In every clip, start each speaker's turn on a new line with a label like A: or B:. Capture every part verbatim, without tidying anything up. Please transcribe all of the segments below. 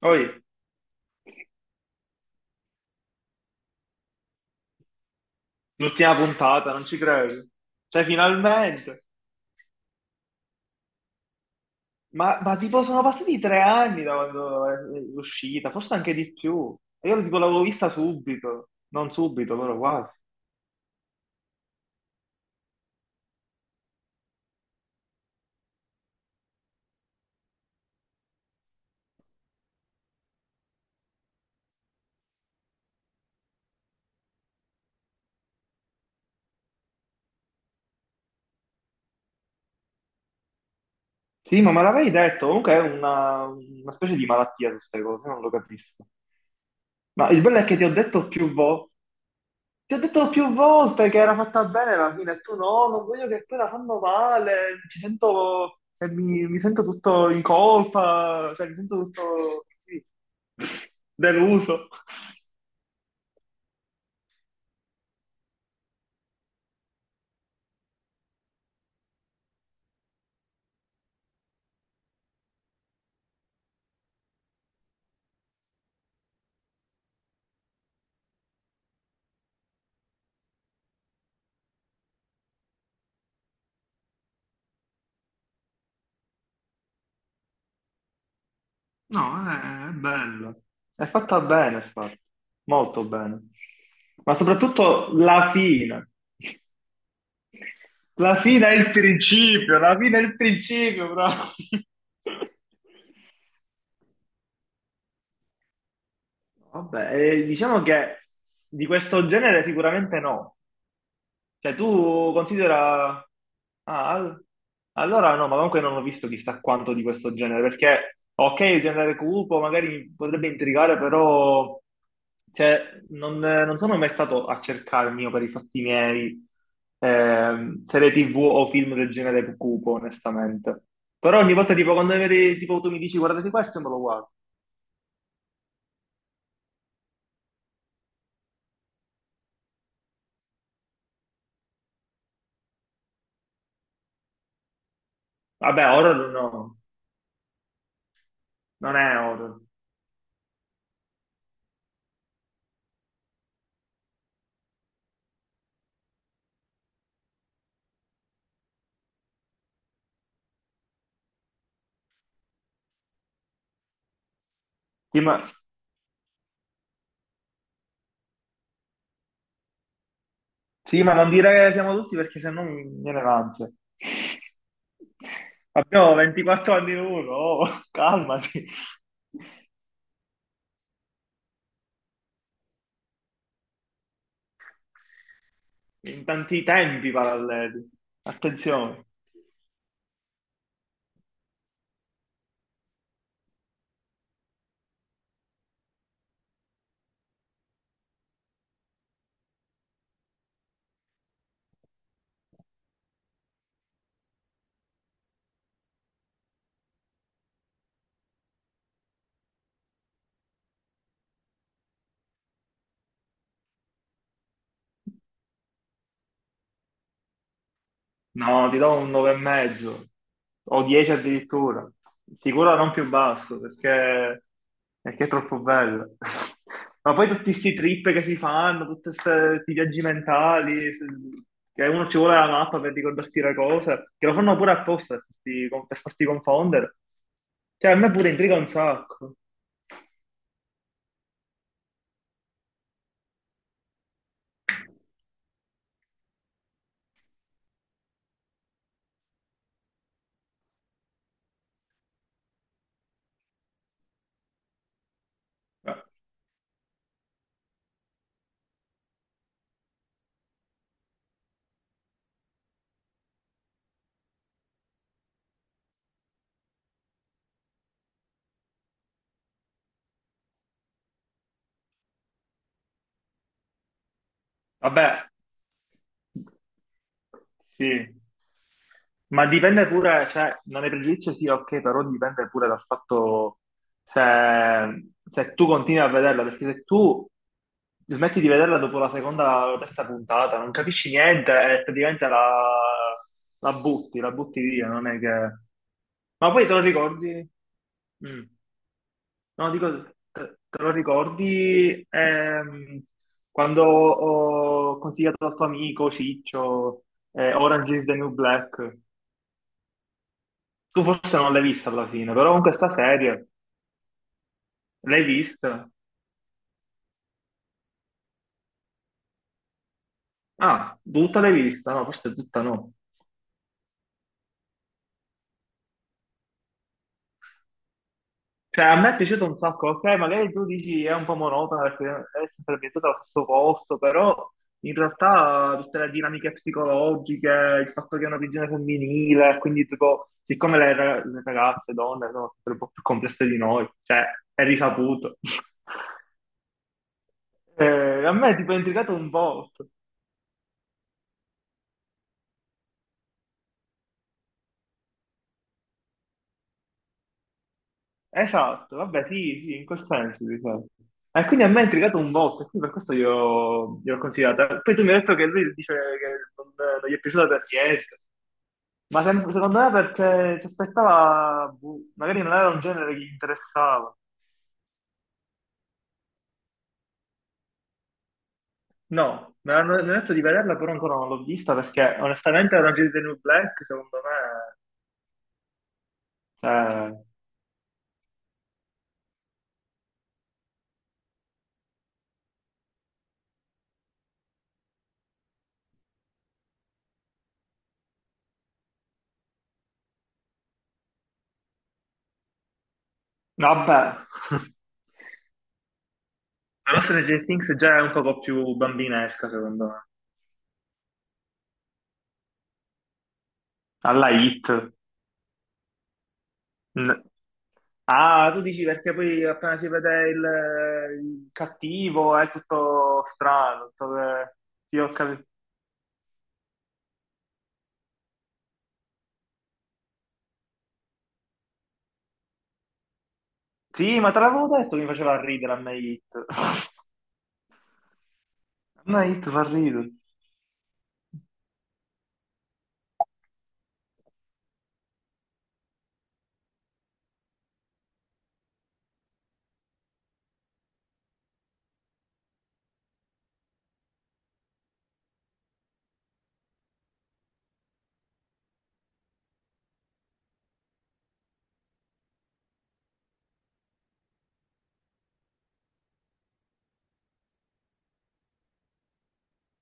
A: Poi, l'ultima puntata, non ci credo. Cioè, finalmente. Ma, ma tipo sono passati tre anni da quando è è uscita, forse anche di più. E io tipo l'avevo vista subito, non subito, però quasi. Sì, ma me l'avevi detto, comunque è una, una specie di malattia queste cose, non lo capisco. Ma il bello è che ti ho detto più volte. Ti ho detto più volte che era fatta bene la fine, e tu no, non voglio che poi la fanno male, ci sento, e mi, mi sento tutto in colpa, cioè mi sento tutto sì, deluso. No, è, è bello. È fatta bene, infatti, molto bene. Ma soprattutto la fine. La fine è il principio, la fine è il principio, però. Vabbè, eh, diciamo che di questo genere sicuramente no. Cioè, tu considera... Ah, al- allora no, ma comunque non ho visto chissà quanto di questo genere, perché ok, il genere cupo magari mi potrebbe intrigare, però cioè, non, eh, non sono mai stato a cercarmi io per i fatti miei ehm, serie T V o film del genere cupo, onestamente. Però ogni volta tipo quando magari, tipo, tu mi dici guardate questo, me lo guardo. Vabbè, horror no, non è horror. Sì, ma- Sì, ma non dire che siamo tutti perché sennò mi mi viene l'ansia. Abbiamo ventiquattro anni uno, oh, calmati. In tanti tempi paralleli. Attenzione. No, ti do un nove e mezzo o dieci addirittura. Sicuro non più basso perché, perché è troppo bello. Ma poi tutti questi trip che si fanno, tutti questi viaggi mentali, se- che uno ci vuole la mappa per ricordarsi le cose, che lo fanno pure apposta per farti, per farti confondere. Cioè, a me pure intriga un sacco. Eh, Vabbè, sì. Ma dipende pure, cioè, non è pregiudizio sì, ok, però dipende pure dal fatto se, se tu continui a vederla, perché se tu smetti di vederla dopo la seconda o terza puntata, non capisci niente e praticamente la, la butti, la butti via, non è che... Ma poi te lo ricordi? Mm. No, dico, te, te lo ricordi ehm, quando ho consigliato al tuo amico Ciccio eh, Orange is the New Black? Tu forse non l'hai vista alla fine, però con questa serie l'hai vista? Ah, tutta l'hai vista? No, forse tutta no. Cioè, a me è piaciuto un sacco, ok, magari tu dici è un po' monotona perché è sempre ambientata allo stesso posto, però in realtà tutte le dinamiche psicologiche, il fatto che è una prigione femminile, quindi tipo, siccome le, ra- le ragazze, donne, sono sempre un po' più complesse di noi, cioè, è risaputo. Eh, a me è tipo è intrigato un po'. Esatto, vabbè, sì, sì, in quel senso, diciamo. E quindi a me ha intrigato un botto, e quindi per questo gliel'ho gliel'ho consigliata. Poi tu mi hai detto che lui dice che non, non gli è piaciuta per niente, ma sem- secondo me perché si aspettava, boh, magari non era un genere che gli interessava. No, mi hanno mi hanno detto di vederla, però ancora non l'ho vista perché onestamente Orange is the New Black, secondo me, cioè, vabbè, la nostra Stranger Things già è un poco più bambinesca, secondo me. Alla Hit. Ah, tu dici perché poi appena si vede il, il cattivo è tutto strano, tutto che... Sì, ho capito. Sì, ma te l'avevo detto che mi faceva ridere a me Hit. A me Hit fa ridere.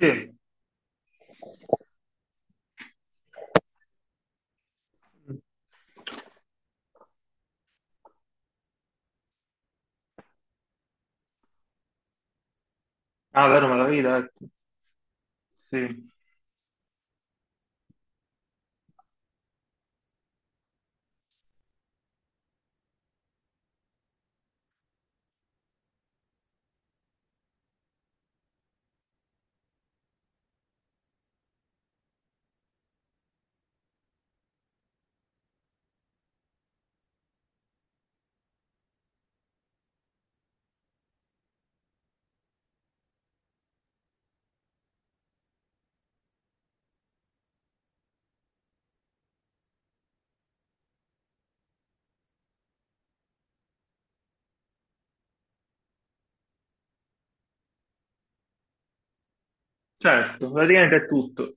A: Sì. Ah, vero, me l'avevi detto. Sì. Certo, praticamente è tutto.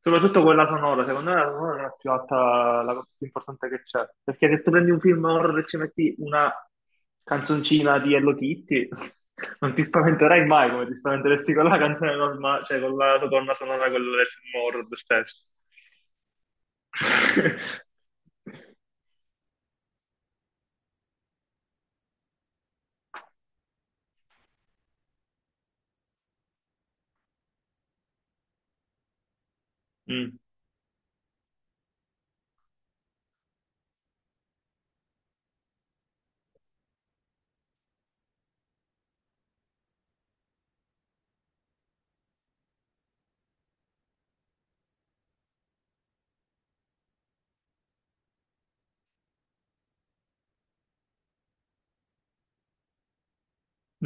A: Soprattutto quella sonora, secondo me la sonora è la più alta, la cosa più importante che c'è. Perché se tu prendi un film horror e ci metti una canzoncina di Hello Kitty, non ti spaventerai mai come ti spaventeresti con la canzone normale, cioè con la colonna sonora, quella del film horror stesso. Mm.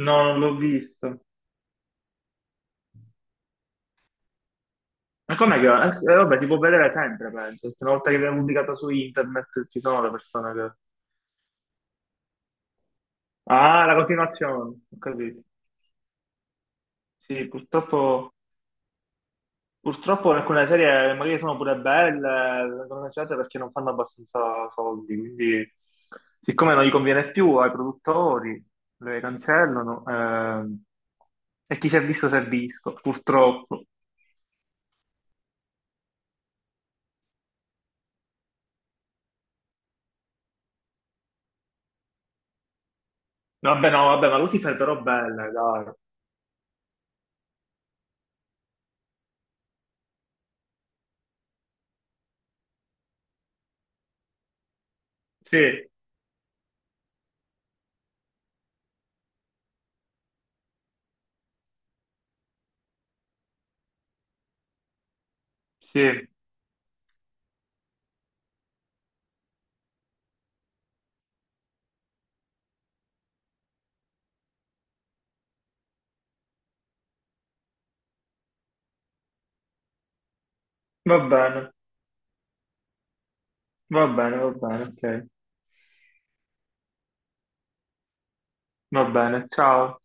A: No, non l'ho visto. Ma com'è che... eh, vabbè, si può vedere sempre, penso. Perché una volta che viene pubblicata su internet ci sono le persone. Ah, la continuazione, ho capito. Sì, purtroppo, purtroppo alcune serie magari sono pure belle, vengono cancellate perché non fanno abbastanza soldi, quindi siccome non gli conviene più ai produttori, le cancellano, ehm, e chi si è visto si è visto, purtroppo. Vabbè, no, vabbè, ma Lucifer però bella, dai. Sì, sì, va bene, va bene, va bene, ok, va bene, ciao.